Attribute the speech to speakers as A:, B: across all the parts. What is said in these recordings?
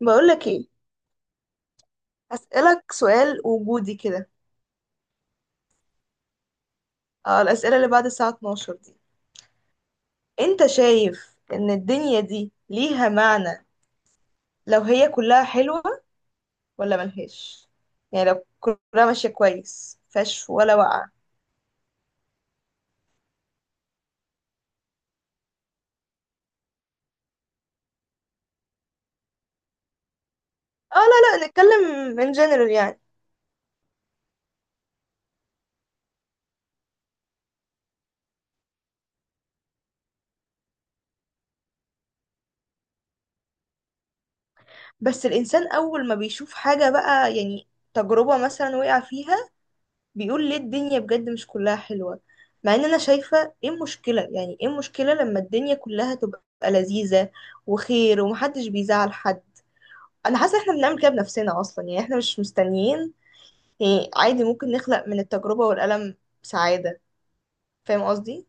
A: بقولك ايه؟ هسألك سؤال وجودي كده. اه، الأسئلة اللي بعد الساعة 12 دي. انت شايف ان الدنيا دي ليها معنى لو هي كلها حلوة؟ ولا ملهاش؟ يعني لو كلها ماشية كويس مفيهاش ولا وقعة؟ اه، لا لا، نتكلم in general يعني. بس الإنسان أول ما بيشوف حاجة بقى، يعني تجربة مثلا وقع فيها، بيقول ليه الدنيا بجد مش كلها حلوة. مع ان انا شايفة ايه المشكلة؟ يعني ايه المشكلة لما الدنيا كلها تبقى لذيذة وخير ومحدش بيزعل حد؟ انا حاسة احنا بنعمل كده بنفسنا اصلا، يعني احنا مش مستنيين. يعني عادي ممكن نخلق من التجربة والألم سعادة. فاهم قصدي؟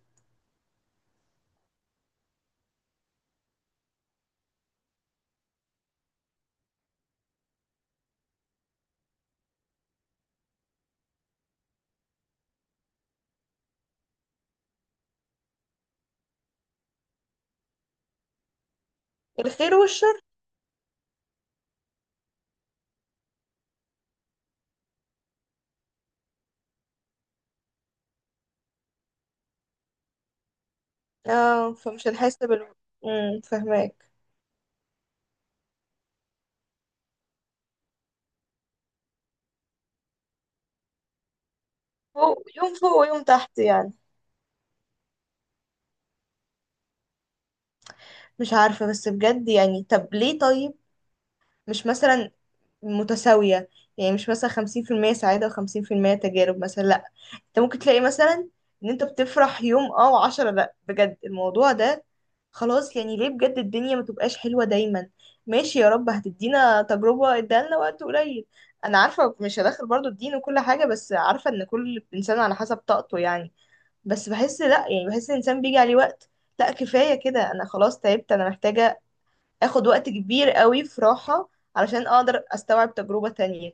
A: الخير والشر. اه، فمش هنحس بال فاهماك. يوم فوق ويوم تحت يعني. مش عارفة، بس بجد يعني، طب ليه طيب؟ مش مثلا متساوية؟ يعني مش مثلا 50% سعادة وخمسين في المية تجارب مثلا؟ لأ. انت ممكن تلاقي مثلا ان انت بتفرح يوم، اه، وعشرة لأ. بجد الموضوع ده خلاص يعني، ليه بجد الدنيا ما تبقاش حلوة دايما؟ ماشي، يا رب هتدينا تجربة ادالنا وقت قليل. انا عارفة مش هدخل برضو الدين وكل حاجة، بس عارفة ان كل انسان على حسب طاقته يعني. بس بحس، لأ يعني، بحس الانسان بيجي عليه وقت. لأ كفاية كده، انا خلاص تعبت، انا محتاجة اخد وقت كبير قوي في راحة علشان اقدر استوعب تجربة تانية.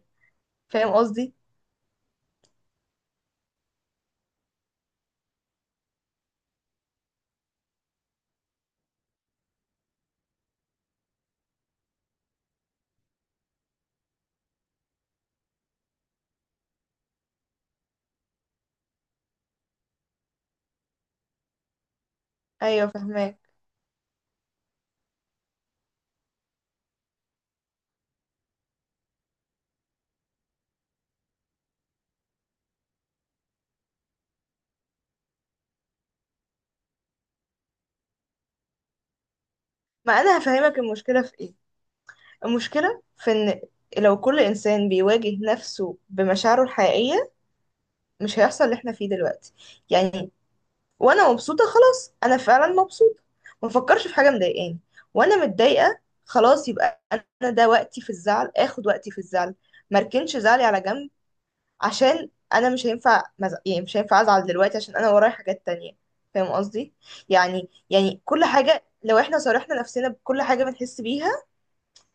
A: فاهم قصدي؟ ايوه، فاهماك. ما انا هفهمك المشكلة في ايه. المشكلة في ان لو كل انسان بيواجه نفسه بمشاعره الحقيقية مش هيحصل اللي احنا فيه دلوقتي يعني. وانا مبسوطة خلاص، انا فعلا مبسوطة، ما فكرش في حاجة مضايقاني. وانا متضايقة خلاص، يبقى انا ده وقتي في الزعل، اخد وقتي في الزعل، مركنش زعلي على جنب. عشان انا مش هينفع يعني مش هينفع ازعل دلوقتي عشان انا ورايا حاجات تانية. فاهم قصدي؟ يعني كل حاجة لو احنا صارحنا نفسنا بكل حاجة بنحس بيها.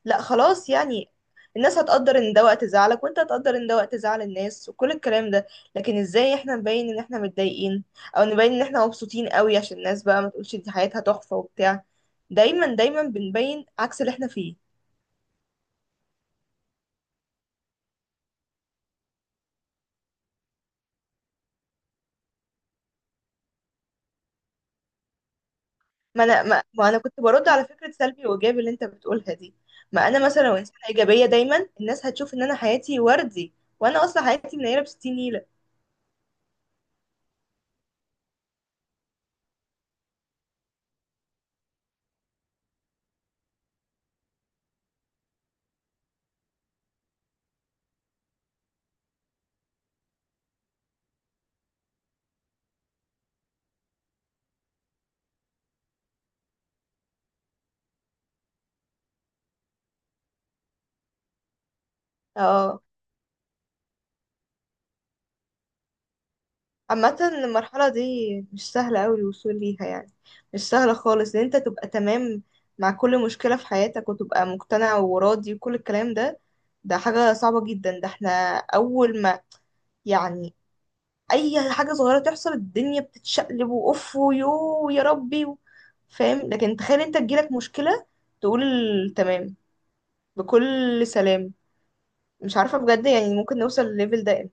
A: لا خلاص يعني، الناس هتقدر ان ده وقت زعلك، وانت هتقدر ان ده وقت زعل الناس وكل الكلام ده. لكن ازاي احنا نبين ان احنا متضايقين، او نبين ان احنا مبسوطين قوي عشان الناس بقى ما تقولش دي حياتها تحفة وبتاع؟ دايما دايما بنبين عكس اللي احنا فيه. ما انا كنت برد على فكره سلبي وايجابي اللي انت بتقولها دي. ما انا مثلا لو انسانه ايجابيه دايما الناس هتشوف ان انا حياتي وردي، وانا اصلا حياتي منيره بستين نيله. اه، عامه المرحله دي مش سهله قوي الوصول ليها يعني. مش سهله خالص ان انت تبقى تمام مع كل مشكله في حياتك وتبقى مقتنع وراضي وكل الكلام ده. ده حاجه صعبه جدا. ده احنا اول ما يعني اي حاجه صغيره تحصل الدنيا بتتشقلب واوف ويو يا ربي فاهم؟ لكن تخيل انت تجيلك مشكله تقول تمام، بكل سلام. مش عارفه بجد، يعني ممكن نوصل للليفل ده امتى؟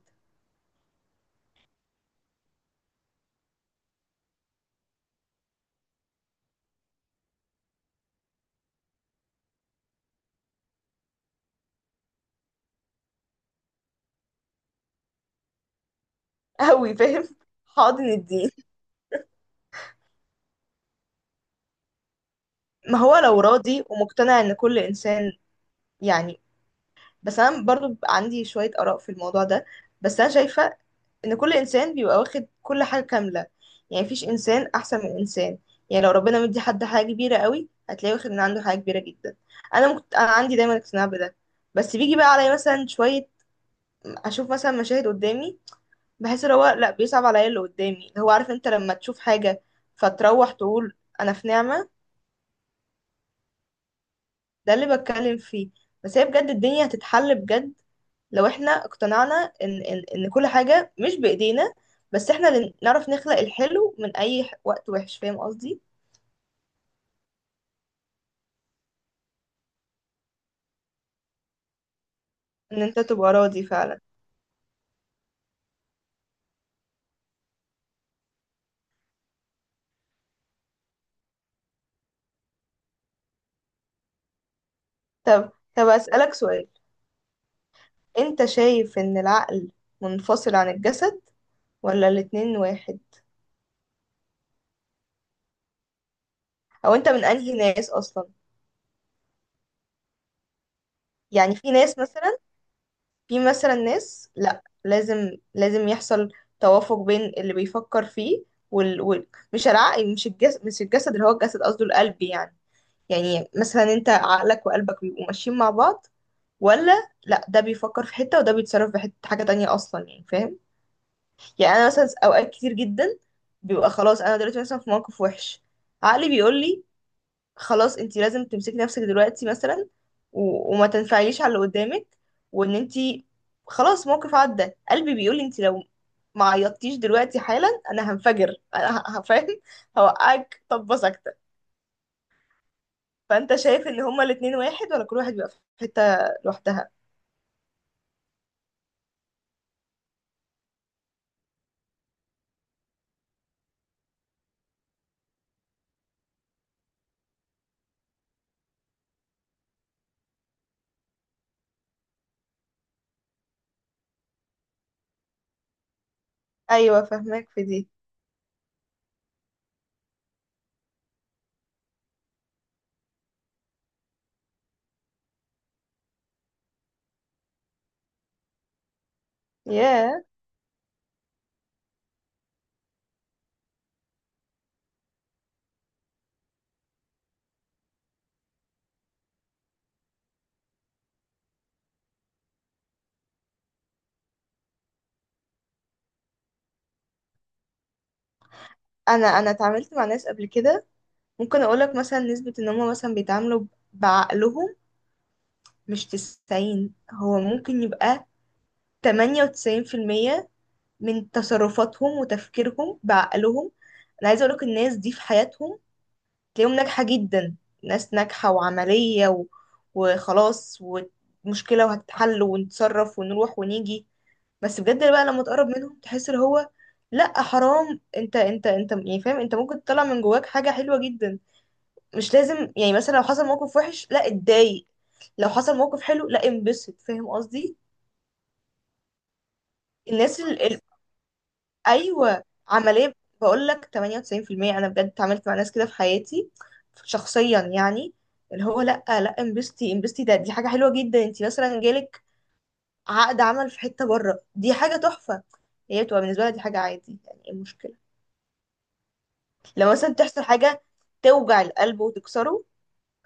A: قوي فاهم حاضن الدين. ما هو لو راضي ومقتنع ان كل انسان يعني. بس انا برضو بيبقى عندي شوية آراء في الموضوع ده. بس انا شايفة ان كل انسان بيبقى واخد كل حاجة كاملة، يعني مفيش انسان احسن من انسان. يعني لو ربنا مدي حد حاجة كبيرة قوي هتلاقيه واخد من عنده حاجة كبيرة جدا. انا ممكن، انا عندي دايما اقتناع بده. بس بيجي بقى عليا مثلا شوية اشوف مثلا مشاهد قدامي، بحس ان هو لا بيصعب عليا اللي قدامي، اللي هو عارف انت لما تشوف حاجة فتروح تقول انا في نعمة. ده اللي بتكلم فيه. بس هي بجد الدنيا هتتحل بجد لو احنا اقتنعنا ان كل حاجة مش بإيدينا، بس احنا اللي نعرف نخلق الحلو من اي وقت وحش. فاهم قصدي؟ ان انت تبقى راضي فعلا. طب أسألك سؤال. انت شايف ان العقل منفصل عن الجسد، ولا الاتنين واحد؟ او انت من انهي ناس اصلا؟ يعني في ناس مثلا، في مثلا ناس لا لازم يحصل توافق بين اللي بيفكر فيه وال... وال... مش العقل، مش الجسد اللي هو الجسد قصده القلب يعني. يعني مثلا انت عقلك وقلبك بيبقوا ماشيين مع بعض، ولا لا، ده بيفكر في حتة وده بيتصرف في حتة حاجة تانية أصلا يعني. فاهم؟ يعني أنا مثلا أوقات كتير جدا بيبقى خلاص أنا دلوقتي مثلا في موقف وحش، عقلي بيقول لي خلاص انت لازم تمسكي نفسك دلوقتي مثلا وما تنفعليش على اللي قدامك وان انت خلاص موقف عدى. قلبي بيقول انت لو ما عيطتيش دلوقتي حالا انا هنفجر، انا هفهم، هوقعك طبه ساكته. فانت شايف ان هما الاتنين واحد، ولا كل واحد بيبقى في حته لوحدها؟ ايوه فاهمك في دي. ياه. انا اتعاملت مع ناس قبل كده، ممكن اقولك مثلا نسبه ان هما مثلا بيتعاملوا بعقلهم، مش 90، هو ممكن يبقى 98% من تصرفاتهم وتفكيرهم بعقلهم. انا عايزه اقولك الناس دي في حياتهم تلاقيهم ناجحه جدا، ناس ناجحه وعمليه وخلاص، ومشكله وهتتحل ونتصرف ونروح ونيجي. بس بجد بقى لما تقرب منهم تحس اللي هو، لا حرام، انت يعني فاهم، انت ممكن تطلع من جواك حاجه حلوه جدا. مش لازم يعني مثلا لو حصل موقف وحش لا اتضايق، لو حصل موقف حلو لا انبسط. فاهم قصدي؟ الناس، ايوه، عمليه. بقول لك 98%، انا بجد اتعاملت مع ناس كده في حياتي شخصيا يعني. اللي هو لا لا انبسطي انبسطي، ده دي حاجه حلوه جدا، انت مثلا جالك عقد عمل في حته بره دي حاجه تحفه. هي بتبقى بالنسبه لها دي حاجه عادي، يعني ايه المشكله؟ لو مثلا تحصل حاجه توجع القلب وتكسره،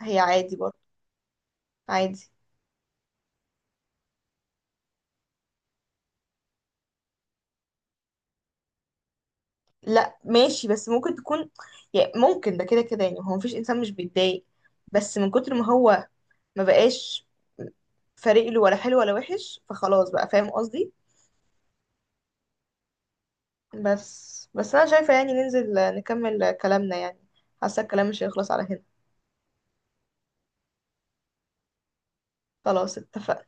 A: هي عادي برضه، عادي. لا ماشي، بس ممكن تكون، يعني ممكن ده كده كده يعني، هو مفيش انسان مش بيتضايق، بس من كتر ما هو ما بقاش فارق له ولا حلو ولا وحش فخلاص بقى. فاهم قصدي؟ بس انا شايفة يعني ننزل نكمل كلامنا يعني، حاسة الكلام مش هيخلص على هنا. خلاص اتفقنا.